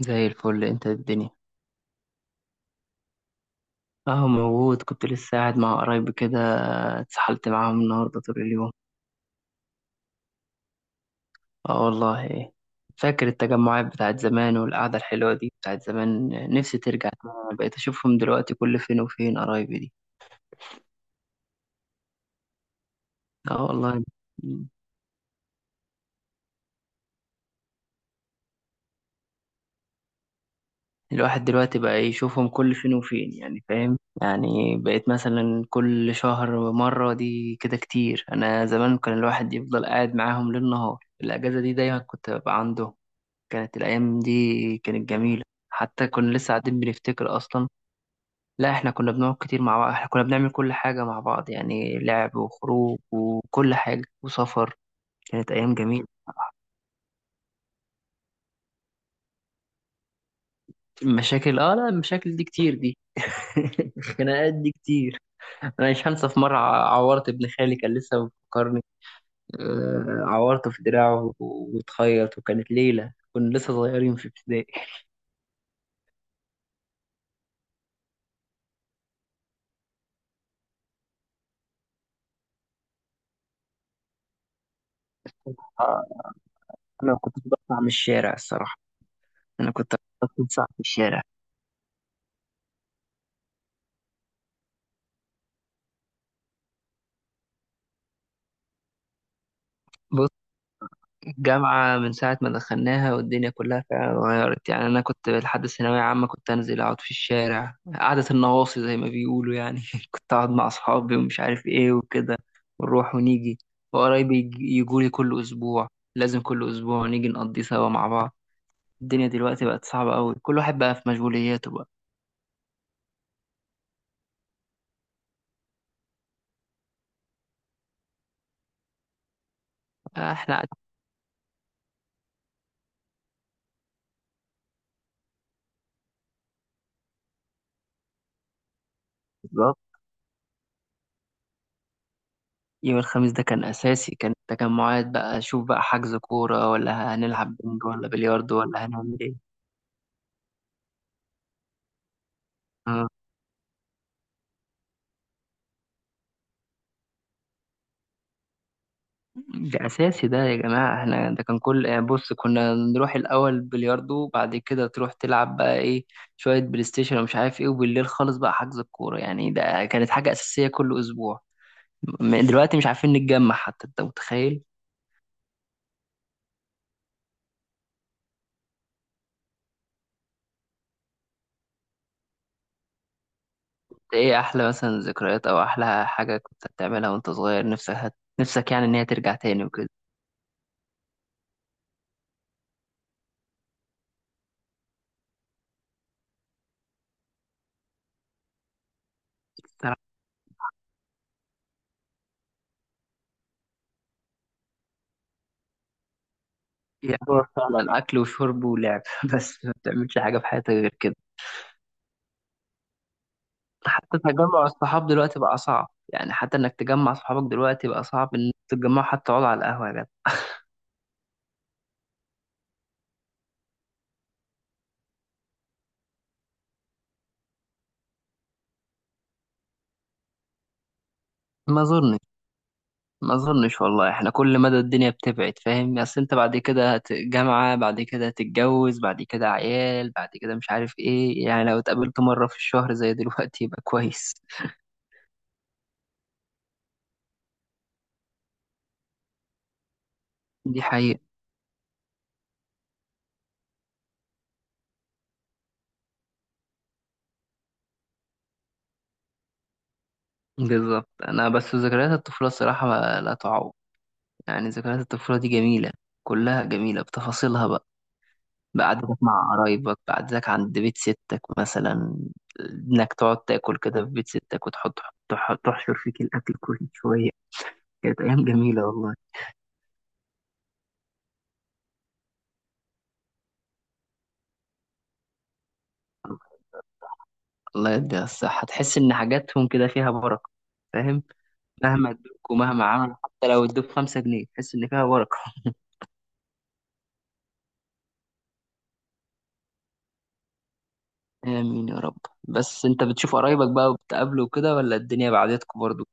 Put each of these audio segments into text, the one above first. زي الفل، انت الدنيا. اهو موجود، كنت لسه قاعد مع قرايبي كده. اتسحلت معاهم النهارده طول اليوم. اه والله. فاكر التجمعات بتاعت زمان والقعدة الحلوة دي بتاعت زمان. نفسي ترجع تاني. انا بقيت اشوفهم دلوقتي كل فين وفين قرايبي دي. اه والله. الواحد دلوقتي بقى يشوفهم كل فين وفين، يعني فاهم؟ يعني بقيت مثلا كل شهر مرة، دي كده كتير. انا زمان كان الواحد يفضل قاعد معاهم ليل نهار. الاجازة دي دايما كنت ببقى عندهم. كانت الأيام دي كانت جميلة. حتى كنا لسه قاعدين بنفتكر أصلا. لا، إحنا كنا بنقعد كتير مع بعض. إحنا كنا بنعمل كل حاجة مع بعض، يعني لعب وخروج وكل حاجة وسفر. كانت أيام جميلة. المشاكل آه، لا المشاكل دي كتير دي الخناقات دي كتير. أنا مش هنسى، في مرة عورت ابن خالي، كان لسه بيفكرني. عورته في دراعه واتخيط، وكانت ليلة كنا لسه صغيرين في ابتدائي. آه، أنا كنت بطلع من الشارع الصراحة. أنا كنت بطلع في الشارع. الجامعة من ساعة ما دخلناها والدنيا كلها فعلا اتغيرت، يعني أنا كنت لحد الثانوية عامة كنت أنزل أقعد في الشارع قعدة النواصي زي ما بيقولوا يعني، كنت أقعد مع أصحابي ومش عارف إيه وكده. ونروح ونيجي. وقرايبي يجولي كل أسبوع، لازم كل أسبوع نيجي نقضي سوا مع بعض. الدنيا دلوقتي بقت صعبة أوي، كل واحد بقى في مشغولياته بقى. إحنا قاعدين. بالظبط. يوم الخميس ده كان أساسي، كان تجمعات بقى، شوف بقى حجز كورة ولا هنلعب بنج ولا بلياردو ولا هنعمل إيه. ده اساسي ده يا جماعه، احنا ده كان كل بص كنا نروح الاول بلياردو، بعد كده تروح تلعب بقى ايه، شويه بلاي ستيشن ومش عارف ايه، وبالليل خالص بقى حجز الكوره. يعني ده كانت حاجه اساسيه كل اسبوع. دلوقتي مش عارفين نتجمع، حتى انت متخيل. ده ايه احلى مثلا ذكريات او احلى حاجه كنت بتعملها وانت صغير، نفسك نفسك يعني ان هي ترجع تاني وكده. بتلعب فيها هو فعلا، على الاكل وشرب ولعب، بس ما بتعملش حاجه في حياتك غير كده. حتى تجمع الصحاب دلوقتي بقى صعب. يعني حتى انك تجمع صحابك دلوقتي بقى صعب ان تتجمعوا، حتى تقعدوا على القهوه يا جدع. ما اظنش ما اظنش والله. احنا كل مدى الدنيا بتبعد، فاهم؟ اصل انت بعد كده جامعه، بعد كده هتتجوز، بعد كده عيال، بعد كده مش عارف ايه. يعني لو اتقابلت مره في الشهر زي دلوقتي يبقى كويس. دي حقيقه. بالظبط. انا بس ذكريات الطفوله الصراحه لا تعوض. يعني ذكريات الطفوله دي جميله. كلها جميله بتفاصيلها. بقعدتك مع قرايبك، بقعدتك عند بيت ستك مثلا. انك تقعد تاكل كده في بيت ستك، وتحط تحشر فيك الاكل كل شويه. كانت ايام جميله والله. الله يديها الصحه. تحس ان حاجاتهم كده فيها بركه. فاهم؟ مهما ادوك ومهما عملوا، حتى لو ادوك 5 جنيه تحس ان فيها بركه. امين يا رب. بس انت بتشوف قرايبك بقى وبتقابله كده، ولا الدنيا بعدتكم برضو؟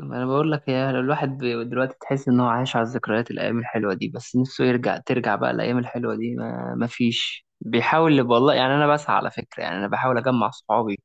انا بقول لك يا، لو الواحد دلوقتي تحس ان هو عايش على الذكريات، الايام الحلوه دي، بس نفسه يرجع، ترجع بقى الايام الحلوه دي، ما فيش بيحاول والله. يعني انا بسعى على فكره، يعني انا بحاول اجمع صحابي،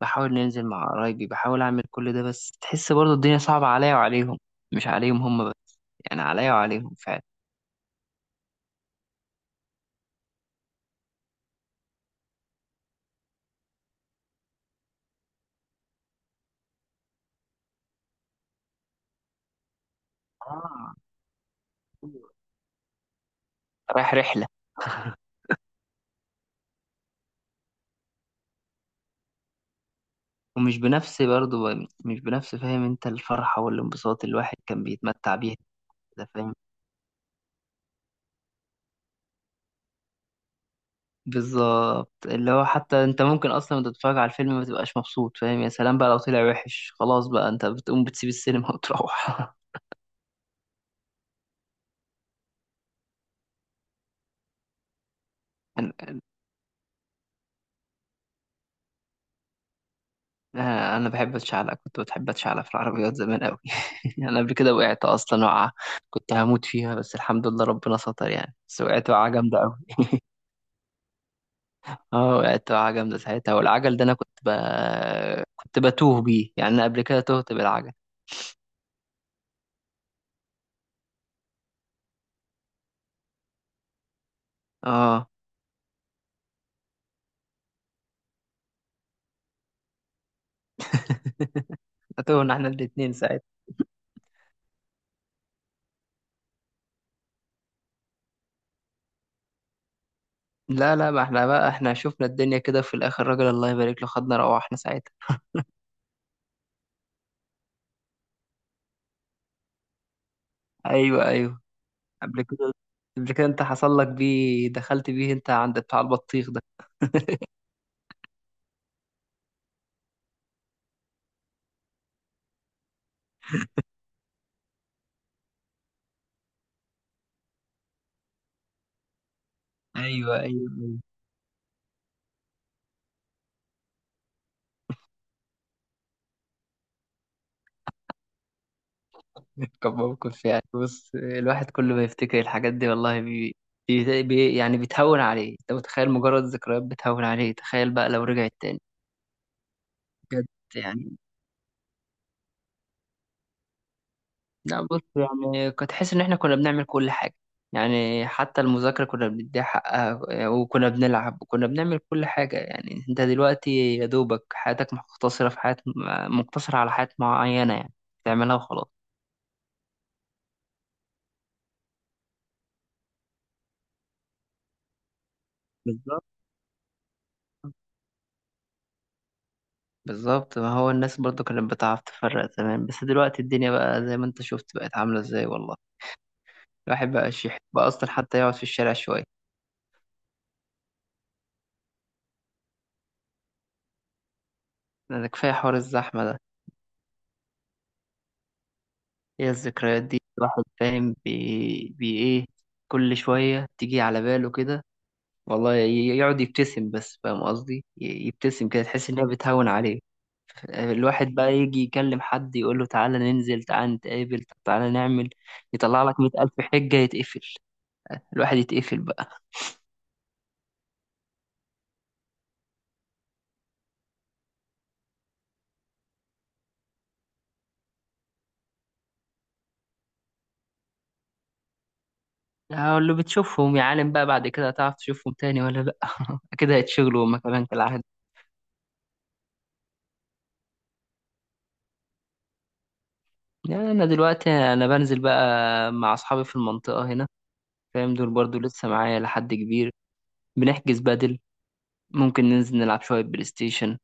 بحاول ننزل مع قرايبي، بحاول اعمل كل ده، بس تحس برضه الدنيا صعبه عليا وعليهم. مش عليهم هم بس. يعني عليا وعليهم فعلا. آه. رايح رحله. ومش بنفس برضه. مش بنفس، فاهم انت؟ الفرحه والانبساط اللي الواحد كان بيتمتع بيها كده، فاهم؟ بالظبط. اللي هو حتى انت ممكن اصلا وانت بتتفرج على الفيلم ما تبقاش مبسوط، فاهم؟ يا سلام بقى لو طلع وحش، خلاص بقى انت بتقوم بتسيب السينما وتروح. انا بحب اتشعلق، كنت بتحب اتشعلق في العربيات زمان قوي. انا قبل كده وقعت اصلا وقعه، كنت هموت فيها، بس الحمد لله ربنا ستر يعني. بس وقعت وقعه جامده قوي. اه وقعت وقعه جامده ساعتها. والعجل ده انا كنت بتوه بيه. يعني انا قبل كده تهت بالعجل. اه. تهنا احنا الاتنين ساعتها. لا ما احنا بقى احنا شفنا الدنيا كده في الاخر، راجل الله يبارك له خدنا روحنا ساعتها. ايوه ايوه. قبل كده قبل كده انت حصل لك بيه، دخلت بيه انت عند بتاع البطيخ ده. ايوه ايوه ايوه. كان موقف يعني. بص الواحد كل ما يفتكر الحاجات دي والله يعني بتهون عليه. انت متخيل؟ مجرد ذكريات بتهون عليه، تخيل بقى لو رجعت تاني. بجد يعني. لا بص يعني كنت حاسس ان احنا كنا بنعمل كل حاجه. يعني حتى المذاكره كنا بنديها حقها، وكنا بنلعب وكنا بنعمل كل حاجه. يعني انت دلوقتي يا دوبك حياتك مقتصره في حياه، مقتصره على حياه معينه، يعني تعملها وخلاص. بالظبط. بالظبط. ما هو الناس برضو كانت بتعرف تفرق زمان، بس دلوقتي الدنيا بقى زي ما انت شفت بقت عامله ازاي والله. الواحد بقى شيح بقى اصلا حتى يقعد في الشارع شويه. ده كفايه حوار الزحمه ده. هي الذكريات دي الواحد فاهم بي ايه؟ كل شوية تيجي على باله كده. والله يقعد يبتسم بس، فاهم قصدي؟ يبتسم كده، تحس إنها بتهون عليه. الواحد بقى يجي يكلم حد يقول له تعالى ننزل، تعالى نتقابل، طب تعالى نعمل، يطلع لك 100,000 حجة، يتقفل. الواحد يتقفل بقى. هقول له بتشوفهم يا عالم بقى؟ بعد كده هتعرف تشوفهم تاني ولا لأ؟ كده هيتشغلوا هما كمان كالعادة. يعني أنا دلوقتي أنا بنزل بقى مع أصحابي في المنطقة هنا. فاهم؟ دول برضو لسه معايا لحد كبير. بنحجز بدل. ممكن ننزل نلعب شوية بلاي ستيشن،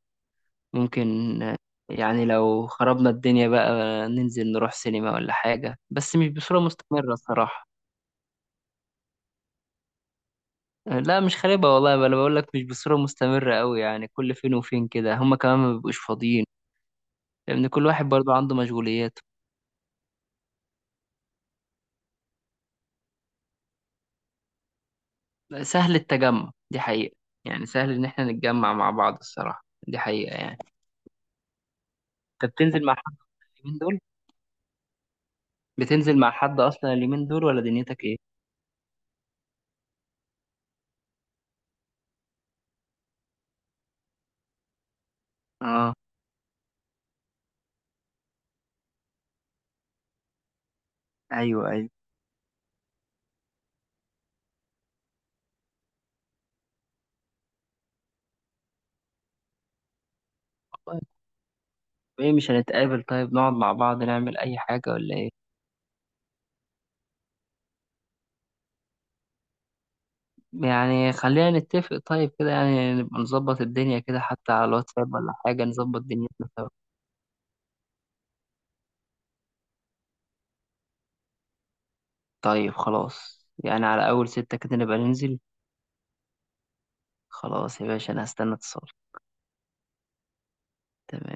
ممكن يعني لو خربنا الدنيا بقى ننزل نروح سينما ولا حاجة، بس مش بصورة مستمرة الصراحة. لا مش خاربة والله بقى. أنا بقول لك مش بصورة مستمرة أوي، يعني كل فين وفين كده، هما كمان ما بيبقوش فاضيين، لأن كل واحد برضو عنده مشغولياته. سهل التجمع دي حقيقة. يعني سهل إن إحنا نتجمع مع بعض الصراحة، دي حقيقة يعني. أنت بتنزل مع حد من دول؟ بتنزل مع حد أصلا اليومين دول ولا دنيتك إيه؟ اه. ايوه ايوه. طيب ايه مش هنتقابل؟ طيب نقعد مع بعض نعمل اي حاجة ولا ايه؟ يعني خلينا نتفق طيب كده، يعني نبقى نظبط الدنيا كده حتى على الواتساب ولا حاجة، نظبط دنيتنا سوا. طيب خلاص يعني على اول ستة كده نبقى ننزل. خلاص يا باشا، انا هستنى اتصال. تمام.